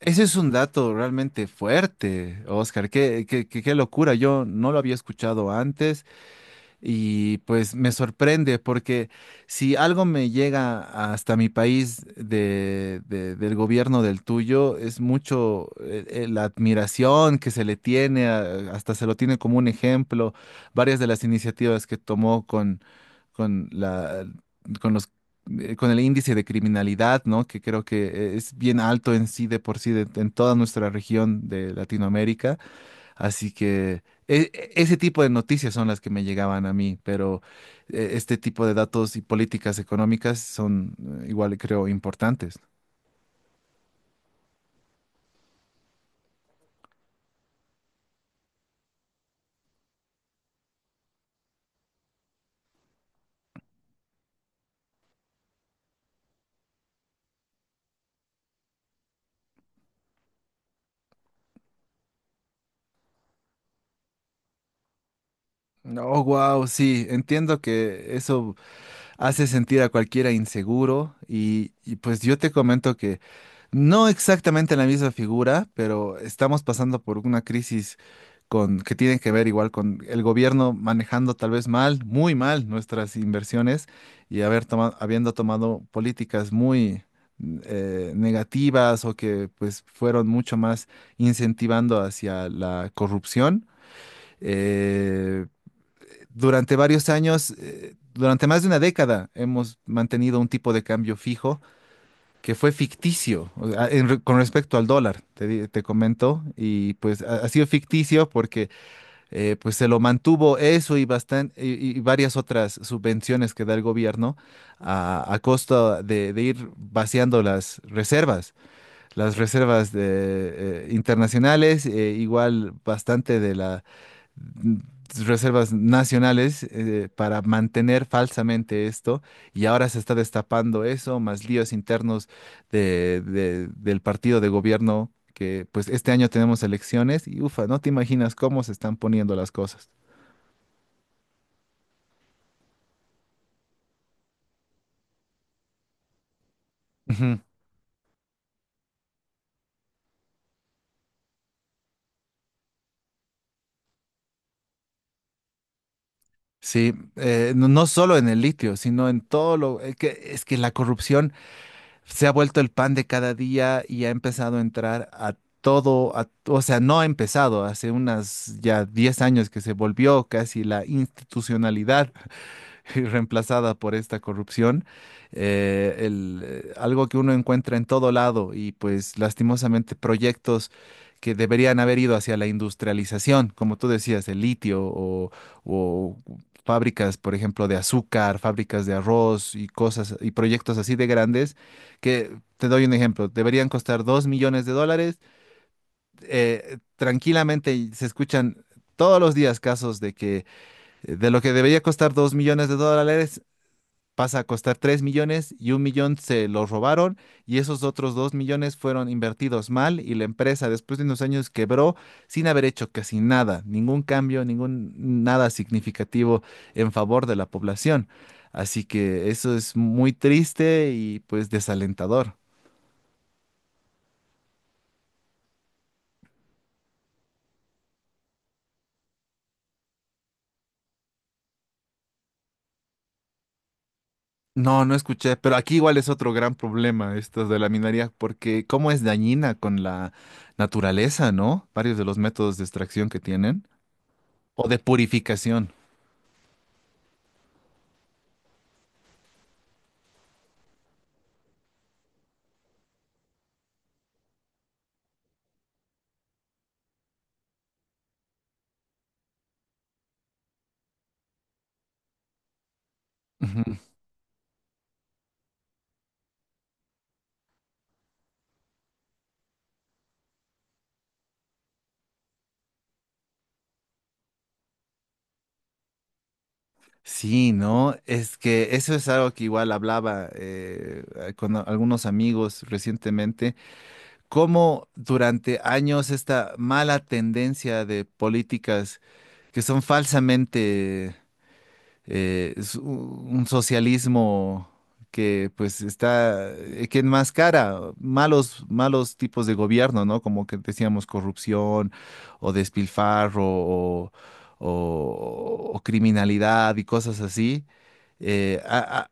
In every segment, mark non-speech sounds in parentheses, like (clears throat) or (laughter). Ese es un dato realmente fuerte, Oscar. Qué locura. Yo no lo había escuchado antes. Y pues me sorprende porque si algo me llega hasta mi país del gobierno del tuyo, es mucho la admiración que se le tiene, hasta se lo tiene como un ejemplo, varias de las iniciativas que tomó con la, con los, con el índice de criminalidad, ¿no? Que creo que es bien alto en sí de por sí en toda nuestra región de Latinoamérica. Así que ese tipo de noticias son las que me llegaban a mí, pero este tipo de datos y políticas económicas son igual, creo, importantes. Oh, wow, sí, entiendo que eso hace sentir a cualquiera inseguro y pues yo te comento que no exactamente la misma figura, pero estamos pasando por una crisis con, que tienen que ver igual con el gobierno manejando tal vez mal, muy mal nuestras inversiones y habiendo tomado políticas muy negativas o que pues fueron mucho más incentivando hacia la corrupción. Eh, Durante varios años, durante más de una década, hemos mantenido un tipo de cambio fijo que fue ficticio, o sea, con respecto al dólar, te comento, y pues ha sido ficticio porque pues se lo mantuvo eso y, y varias otras subvenciones que da el gobierno a costa de ir vaciando las reservas de, internacionales, igual bastante de la reservas nacionales para mantener falsamente esto y ahora se está destapando eso, más líos internos del partido de gobierno, que pues este año tenemos elecciones y ufa, no te imaginas cómo se están poniendo las cosas. Ujú. Sí, no, no solo en el litio, sino en todo lo que es que la corrupción se ha vuelto el pan de cada día y ha empezado a entrar a todo, o sea, no ha empezado, hace unas ya 10 años que se volvió casi la institucionalidad (laughs) y reemplazada por esta corrupción, algo que uno encuentra en todo lado. Y pues lastimosamente proyectos que deberían haber ido hacia la industrialización, como tú decías, el litio o fábricas, por ejemplo, de azúcar, fábricas de arroz y cosas y proyectos así de grandes que, te doy un ejemplo, deberían costar $2 millones. Tranquilamente, y se escuchan todos los días casos de que de lo que debería costar $2 millones, pasa a costar 3 millones y 1 millón se lo robaron y esos otros 2 millones fueron invertidos mal y la empresa después de unos años quebró sin haber hecho casi nada, ningún cambio, ningún nada significativo en favor de la población. Así que eso es muy triste y pues desalentador. No, no escuché, pero aquí igual es otro gran problema esto de la minería, porque cómo es dañina con la naturaleza, ¿no? Varios de los métodos de extracción que tienen o de purificación. Ujú. Sí, ¿no? Es que eso es algo que igual hablaba con algunos amigos recientemente, cómo durante años esta mala tendencia de políticas que son falsamente, es un socialismo que pues está, que enmascara malos, malos tipos de gobierno, ¿no? Como que decíamos corrupción o despilfarro o, o criminalidad y cosas así. Eh, ha, ha-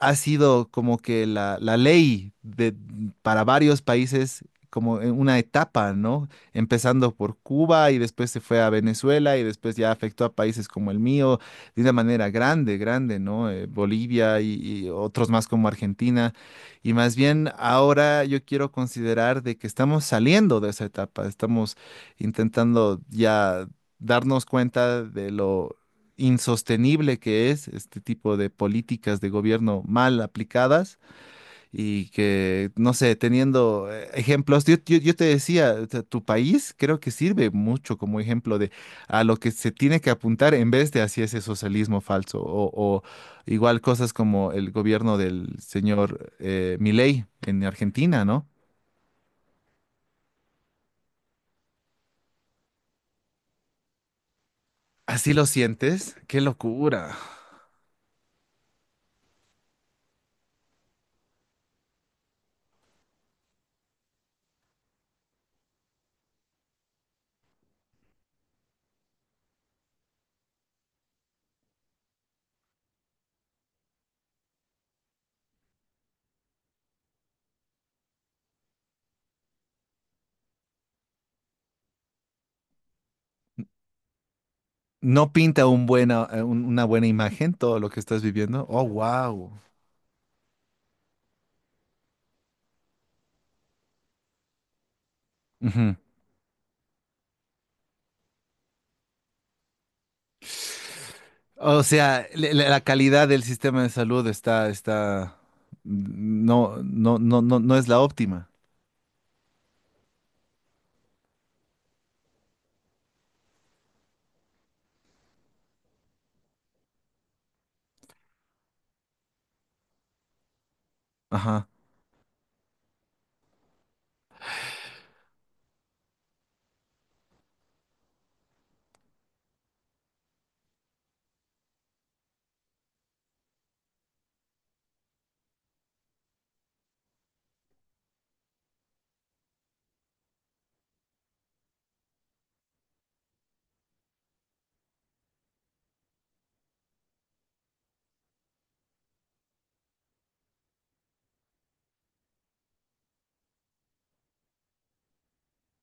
Ha sido como que la ley de, para varios países, como en una etapa, ¿no? Empezando por Cuba y después se fue a Venezuela y después ya afectó a países como el mío, de una manera grande, grande, ¿no? Bolivia y otros más como Argentina. Y más bien ahora yo quiero considerar de que estamos saliendo de esa etapa, estamos intentando ya darnos cuenta de lo insostenible que es este tipo de políticas de gobierno mal aplicadas. Y que, no sé, teniendo ejemplos, yo te decía, o sea, tu país creo que sirve mucho como ejemplo de a lo que se tiene que apuntar en vez de hacia ese socialismo falso, o igual cosas como el gobierno del señor Milei en Argentina, ¿no? Así lo sientes, qué locura. No pinta un buena, una buena imagen todo lo que estás viviendo. Oh, wow. O sea, la calidad del sistema de salud está, está, no, no, no, no, no es la óptima. Ajá.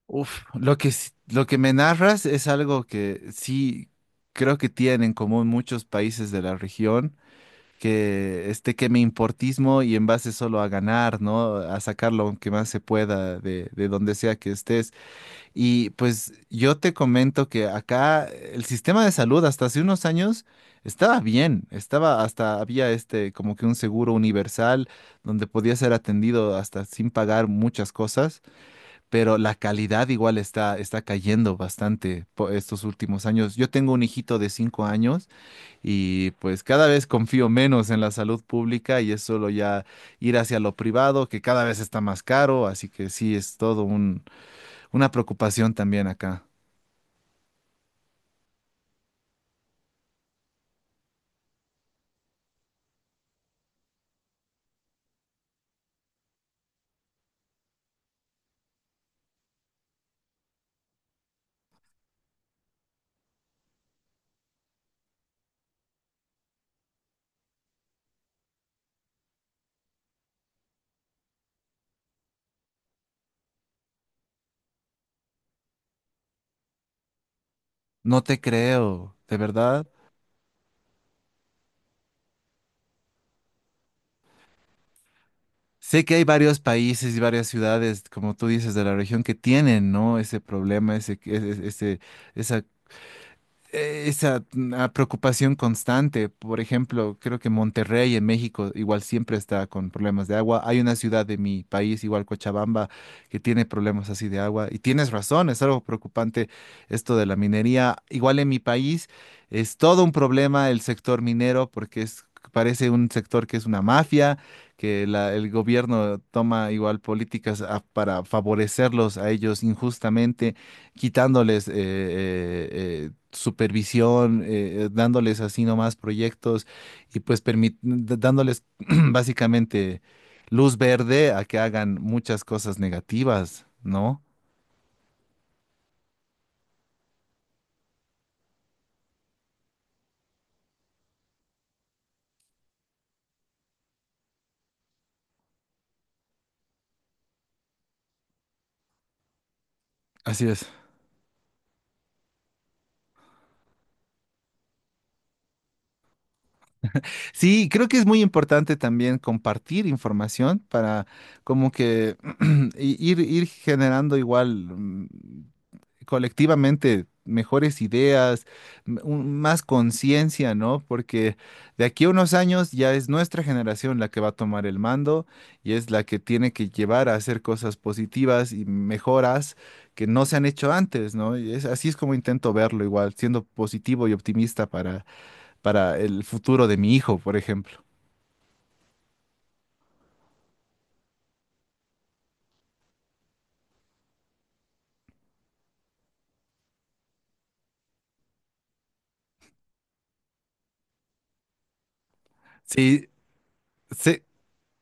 Uf, lo que, lo que me narras es algo que sí creo que tienen en común muchos países de la región, que este que me importismo y en base solo a ganar, ¿no? A sacar lo que más se pueda de donde sea que estés. Y pues yo te comento que acá el sistema de salud hasta hace unos años estaba bien, estaba, hasta había este como que un seguro universal donde podía ser atendido hasta sin pagar muchas cosas, pero la calidad igual está cayendo bastante por estos últimos años. Yo tengo un hijito de 5 años y pues cada vez confío menos en la salud pública y es solo ya ir hacia lo privado, que cada vez está más caro, así que sí es todo un una preocupación también acá. No te creo, de verdad. Sé que hay varios países y varias ciudades, como tú dices, de la región que tienen, ¿no? Ese problema, esa esa preocupación constante. Por ejemplo, creo que Monterrey en México igual siempre está con problemas de agua. Hay una ciudad de mi país, igual Cochabamba, que tiene problemas así de agua. Y tienes razón, es algo preocupante esto de la minería. Igual en mi país es todo un problema el sector minero porque es... Parece un sector que es una mafia, que el gobierno toma igual políticas para favorecerlos a ellos injustamente, quitándoles supervisión, dándoles así nomás proyectos y pues dándoles (clears throat) básicamente luz verde a que hagan muchas cosas negativas, ¿no? Así es. Sí, creo que es muy importante también compartir información para como que (clears throat) ir generando igual colectivamente mejores ideas, más conciencia, ¿no? Porque de aquí a unos años ya es nuestra generación la que va a tomar el mando y es la que tiene que llevar a hacer cosas positivas y mejoras que no se han hecho antes, ¿no? Y es, así es como intento verlo igual, siendo positivo y optimista para el futuro de mi hijo, por ejemplo. Sí, sí.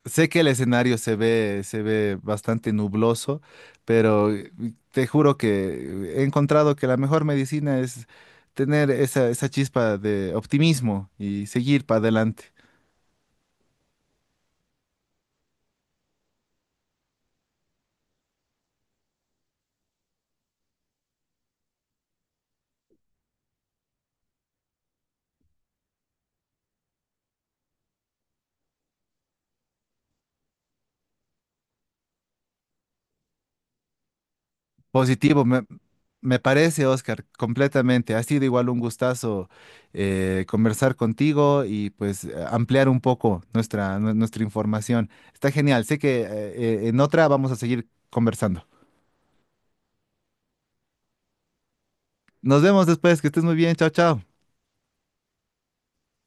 Sé que el escenario se ve bastante nubloso, pero te juro que he encontrado que la mejor medicina es tener esa, esa chispa de optimismo y seguir para adelante. Positivo, me parece, Oscar, completamente. Ha sido igual un gustazo conversar contigo y pues ampliar un poco nuestra, nuestra información. Está genial. Sé que en otra vamos a seguir conversando. Nos vemos después, que estés muy bien. Chao, chao.